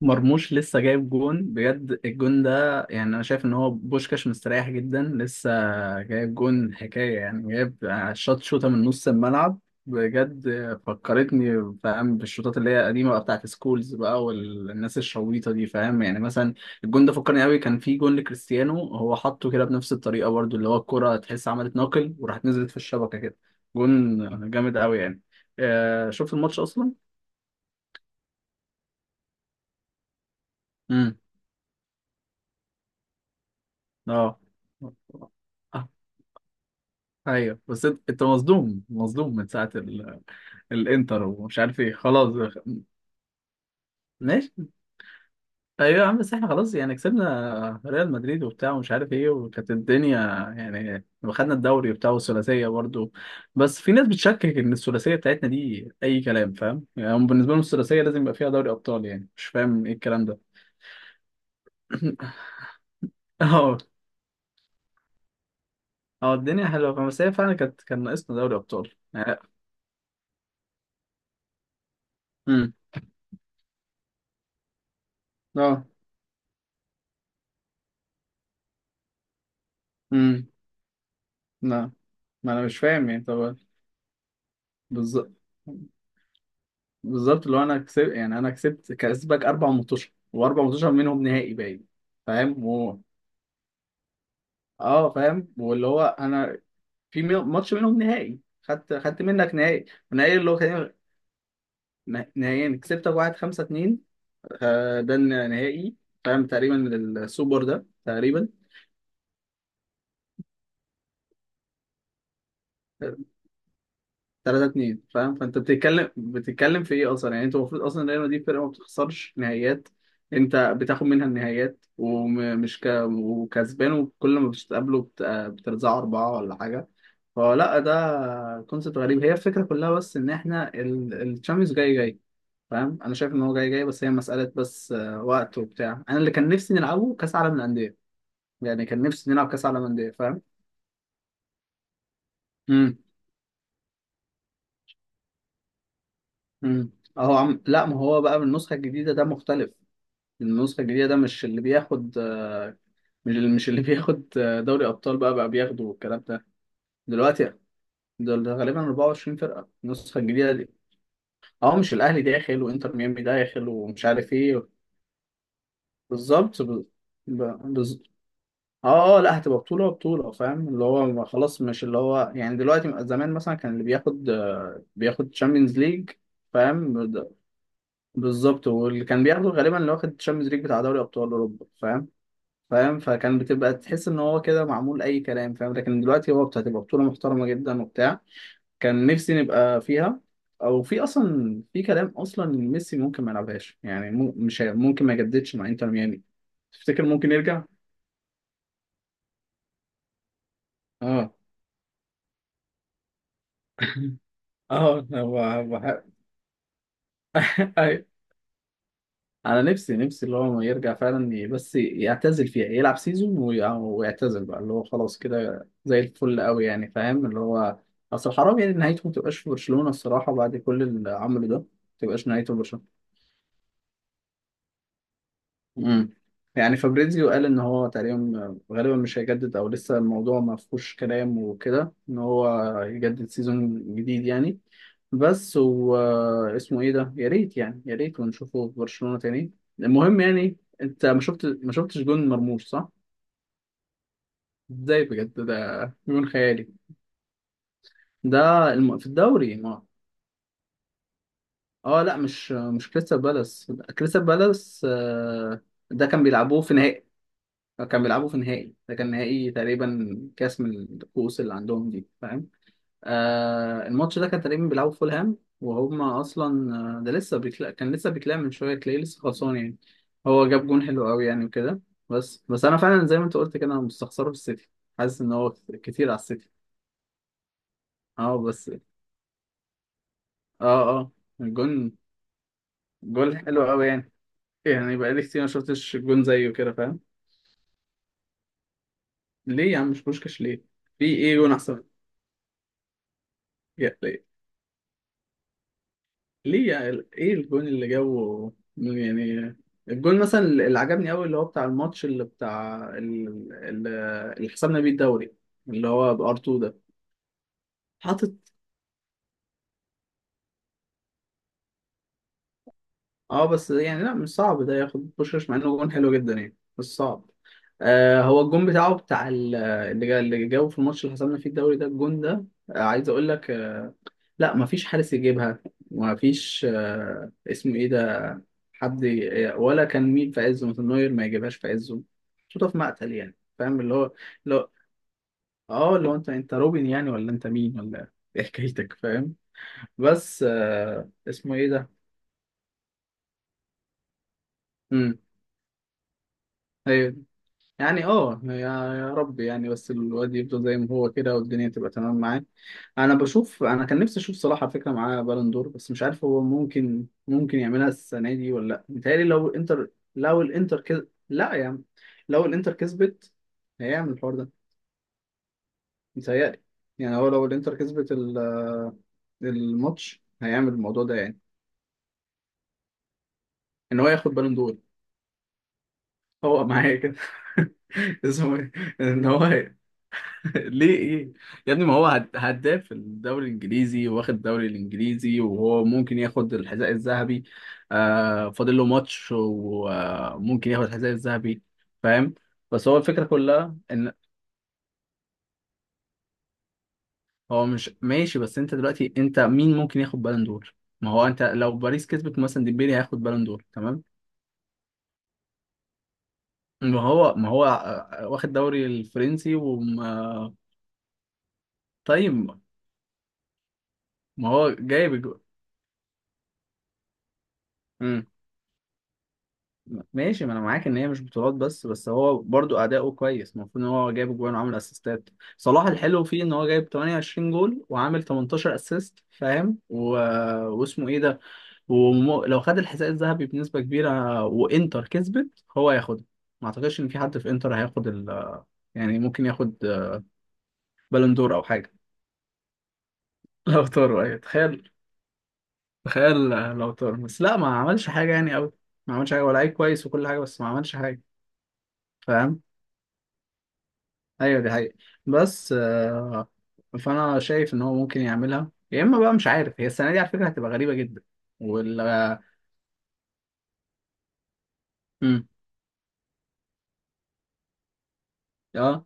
مرموش لسه جايب جون بجد. الجون ده يعني انا شايف ان هو بوشكاش مستريح جدا. لسه جايب جون حكايه، يعني جايب شوت، شوطه من نص الملعب بجد. فكرتني، فاهم، بالشوطات اللي هي قديمه بقى، بتاعت سكولز بقى والناس الشويطه دي، فاهم يعني. مثلا الجون ده فكرني قوي، كان في جون لكريستيانو هو حطه كده بنفس الطريقه برضو، اللي هو الكره تحس عملت ناقل وراحت نزلت في الشبكه كده. جون جامد قوي يعني. آه، شفت الماتش اصلا. امم اه. ايوه بس انت مصدوم، مصدوم من ساعه الانتر ومش عارف ايه خلاص. ماشي. ايوه يا عم، بس احنا خلاص يعني كسبنا ريال مدريد وبتاع ومش عارف ايه، وكانت الدنيا يعني. واخدنا الدوري وبتاع والثلاثيه برضه. بس في ناس بتشكك ان الثلاثيه بتاعتنا دي اي كلام، فاهم يعني؟ هم بالنسبه لهم الثلاثيه لازم يبقى فيها دوري ابطال، يعني مش فاهم ايه الكلام ده. اه. اه، الدنيا حلوه، فاهم؟ بس هي فعلا كانت، كان ناقصنا دوري ابطال يعني. امم اه. امم لا، ما انا مش فاهم يعني. طب بالظبط، بالظبط اللي هو انا كسبت يعني، انا كسبت، كسبك اربع ماتشات، واربع ماتشات منهم نهائي باين. فاهم اه، فاهم. واللي هو انا في ماتش منهم نهائي، خدت، خدت منك نهائي. النهائي اللي هو كان، نهائيين كسبتك واحد خمسة اتنين. آه، ده النهائي فاهم، تقريبا للسوبر ده تقريبا. 3 2 فاهم. فانت بتتكلم في ايه اصلا يعني؟ انت المفروض اصلا ريال مدريد فرقه ما بتخسرش نهائيات. انت بتاخد منها النهائيات ومش وكسبان، وكل ما بتقابله بترزعه اربعه ولا حاجه. فلا، ده كونسيبت غريب، هي الفكره كلها. بس ان احنا الشامبيونز جاي فاهم، انا شايف ان هو جاي بس هي مساله بس آه، وقت وبتاع. انا اللي كان نفسي نلعبه كاس عالم للانديه، يعني كان نفسي نلعب كاس عالم للانديه، فاهم. امم امم اهو عم، لا، ما هو بقى بالنسخه الجديده ده مختلف. النسخة الجديدة ده مش اللي بياخد آه، مش اللي، مش اللي بياخد آه، دوري أبطال بقى بياخدوا الكلام ده دلوقتي. دول غالبا 24 فرقة، النسخة الجديدة دي. اه، مش الأهلي داخل وإنتر ميامي داخل ومش عارف إيه؟ بالظبط ب... بز... اه، اه، لا، هتبقى بطولة، بطولة فاهم. اللي هو ما خلاص، مش اللي هو يعني دلوقتي. زمان مثلا كان اللي بياخد آه، بياخد تشامبيونز ليج فاهم بالظبط. واللي كان بياخده غالبا اللي واخد تشامبيونز ليج بتاع دوري أبطال أوروبا، فاهم؟ فاهم. فكان بتبقى تحس ان هو كده معمول اي كلام، فاهم. لكن دلوقتي هو بتبقى بطولة محترمة جدا وبتاع، كان نفسي نبقى فيها. او في اصلا في كلام اصلا ان ميسي ممكن ما يلعبهاش يعني، مو- مش هي- ممكن ما يجددش مع انتر ميامي. تفتكر ممكن يرجع؟ اه. اه هو انا نفسي، نفسي اللي هو يرجع فعلا بس يعتزل فيها، يلعب سيزون ويعتزل بقى، اللي هو خلاص كده زي الفل قوي يعني، فاهم. اللي هو اصل حرام يعني نهايته ما تبقاش في برشلونة الصراحة، بعد كل اللي عمله ده. ما تبقاش نهايته في برشلونة. امم يعني فابريزيو قال ان هو تقريبا غالبا مش هيجدد، او لسه الموضوع ما فيهوش كلام وكده ان هو يجدد سيزون جديد يعني. بس و اسمه ايه ده، يا ريت يعني، يا ريت ونشوفه في برشلونة تاني. المهم يعني انت ما شفت، ما شفتش جون مرموش صح؟ ازاي بجد، ده جون خيالي. ده في الدوري ما. اه لا، مش كريستال بالاس. كريستال بالاس آه، ده كان بيلعبوه في نهائي. كان بيلعبوا في نهائي، ده كان نهائي تقريبا كاس من الكؤوس اللي عندهم دي، فاهم. آه الماتش ده كان تقريبا بيلعبوا في فولهام وهم اصلا آه، ده لسه بيكلا، كان لسه بيكلام من شويه تلاقيه لسه خلصان يعني. هو جاب جون حلو قوي يعني وكده. بس انا فعلا زي ما انت قلت كده، انا مستخسره في السيتي. حاسس ان هو كتير على السيتي. اه بس. اه اه. الجون، جول حلو قوي يعني. يعني بقالي كتير ما شفتش جون زيه كده، فاهم. ليه يا عم مش بوشكاش؟ ليه؟ في ايه جون؟ احسن. ليه يعني؟ ايه الجون اللي جابه يعني؟ الجون مثلا اللي عجبني قوي اللي هو بتاع الماتش اللي بتاع اللي حسبنا بيه الدوري، اللي هو بار 2 ده. حاطط. اه بس يعني لا، مش صعب ده ياخد بوشش مع انه جون حلو جدا يعني، بس صعب. آه هو الجون بتاعه بتاع اللي اللي جابه في الماتش اللي حسبنا فيه الدوري، ده الجون ده آه، عايز اقول لك آه لا، مفيش حارس يجيبها. مفيش آه اسمه ايه، حد ولا كان مين في عزه؟ مثلا نوير ما يجيبهاش في عزه. شوطه في مقتل يعني، فاهم اللي هو، اللي هو، اه، اللي هو انت انت روبن يعني؟ ولا انت مين، ولا ايه حكايتك، فاهم. بس آه اسمه ايه ده. امم يعني اه، يا يا رب يعني. بس الواد يفضل زي ما هو كده والدنيا تبقى تمام معاه. انا بشوف، انا كان نفسي اشوف صلاح على فكره معاه بالون دور، بس مش عارف هو ممكن، ممكن يعملها السنه دي ولا لا؟ متهيألي لو الانتر، لو الانتر لا يا عم. لو الانتر كسبت هيعمل الحوار ده متهيألي. يعني هو لو الانتر كسبت الماتش هيعمل الموضوع ده يعني. ان هو ياخد بالون دور. هو معايا كده. اسمه ايه؟ ان هو. ليه ايه؟ يا ابني ما هو هداف في الدوري الانجليزي، واخد الدوري الانجليزي، وهو ممكن ياخد الحذاء الذهبي. آه، فاضل له ماتش وممكن ياخد الحذاء الذهبي، فاهم. بس هو الفكره كلها ان هو مش ماشي. بس انت دلوقتي انت مين ممكن ياخد بالون دور؟ ما هو انت لو باريس كسبت مثلا ديمبلي هياخد بالون دور تمام. ما هو آه، واخد دوري الفرنسي وما. طيب ما هو جايب ماشي، ما انا معاك ان هي مش بطولات بس. بس هو برضو اداؤه كويس، المفروض ان هو جايب جوان وعامل اسيستات. صلاح الحلو فيه ان هو جايب 28 جول وعامل 18 اسيست، فاهم واسمه ايه ده، ولو خد الحذاء الذهبي بنسبة كبيرة وانتر كسبت هو هياخدها. ما اعتقدش ان في حد في انتر هياخد يعني ممكن ياخد بالون دور او حاجة. لو طار ايوه، تخيل. تخيل. لو طار، بس لا ما عملش حاجة يعني قوي. ما عملش حاجة، ولا لعيب كويس وكل حاجة، بس ما عملش حاجة. فاهم. ايوه دي حقيقة. بس آه، فانا شايف ان هو ممكن يعملها. يا اما بقى مش عارف، هي السنه دي على فكره هتبقى غريبه جدا. وال امم اه،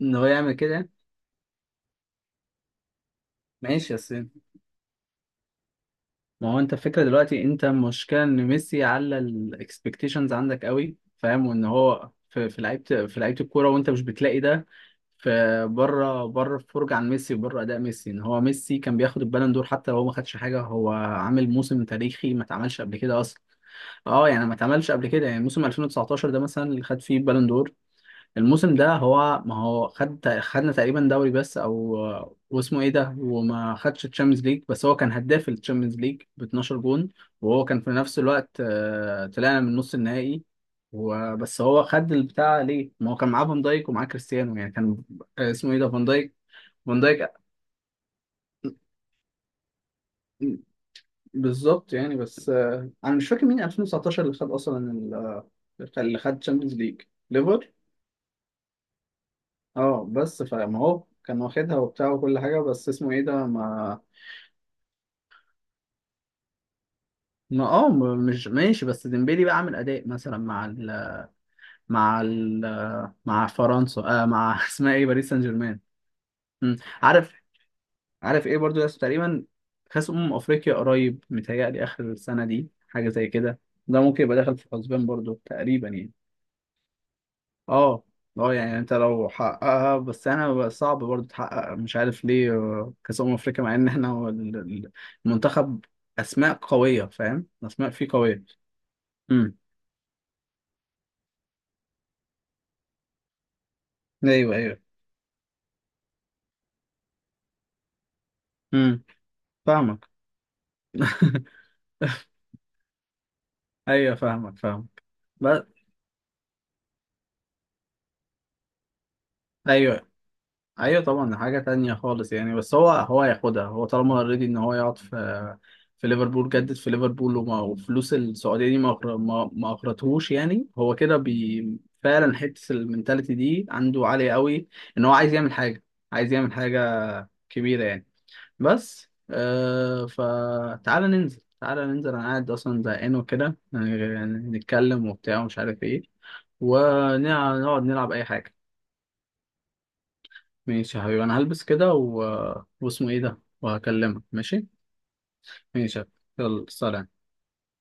ان هو يعمل كده. ماشي بس ما هو انت الفكره دلوقتي، انت المشكله ان ميسي على الاكسبكتيشنز عندك قوي، فاهم. وان هو في، في لعيبه، في لعيبه الكوره وانت مش بتلاقي ده في بره، بره الفرجه عن ميسي وبره اداء ميسي، ان هو ميسي كان بياخد البالون دور حتى لو هو ما خدش حاجه. هو عامل موسم تاريخي ما اتعملش قبل كده اصلا. اه يعني ما اتعملش قبل كده. يعني موسم 2019 ده مثلا اللي خد فيه بالون دور، الموسم ده هو ما هو خد، خدنا تقريبا دوري بس او، واسمه ايه ده، وما خدش الشامبيونز ليج. بس هو كان هداف الشامبيونز ليج ب 12 جون، وهو كان في نفس الوقت آه، طلعنا من نص النهائي. وبس هو خد البتاع ليه؟ ما هو كان معاه فان دايك، ومعاه كريستيانو يعني كان آه، اسمه ايه ده، فان دايك، فان دايك. بالظبط يعني. بس آه، انا مش فاكر مين 2019 اللي خد اصلا آه، اللي خد الشامبيونز ليج. ليفر. اه بس فما هو كان واخدها وبتاع وكل حاجة، بس اسمه ايه ده، ما، ما، اه، مش ماشي. بس ديمبلي بقى عامل اداء مثلا مع مع فرنسا آه، مع اسمها ايه، باريس سان جيرمان. مم. عارف. عارف ايه برضو، يس تقريبا كاس افريقيا قريب متهيألي اخر السنة دي، حاجة زي كده. ده ممكن يبقى داخل في الحسبان برضو تقريبا يعني. اه. اه، يعني انت لو حققها. بس انا بقى صعب برضه تحقق، مش عارف ليه، آه، كاس افريقيا مع ان احنا هو المنتخب اسماء قويه، فاهم، اسماء فيه قويه. امم ايوه ايوه. امم فاهمك. ايوه فاهمك، فاهمك. بس. ايوه. ايوه طبعا ده حاجه تانية خالص يعني. بس هو هياخدها. هو طالما اوريدي ان هو يقعد في، في ليفربول جدد في ليفربول، وفلوس السعوديه دي ما اقرتهوش يعني، هو كده بي. فعلا حته المنتاليتي دي عنده عاليه قوي. ان هو عايز يعمل حاجه، عايز يعمل حاجه كبيره يعني. بس آه، فتعالى ننزل، تعالى ننزل. انا قاعد اصلا زهقان وكده، يعني نتكلم وبتاع ومش عارف ايه، ونقعد نلعب اي حاجه. ماشي يا حبيبي، انا هلبس كده واسمه ايه ده، وهكلمك ماشي. ماشي يا حبيبي. يلا سلام.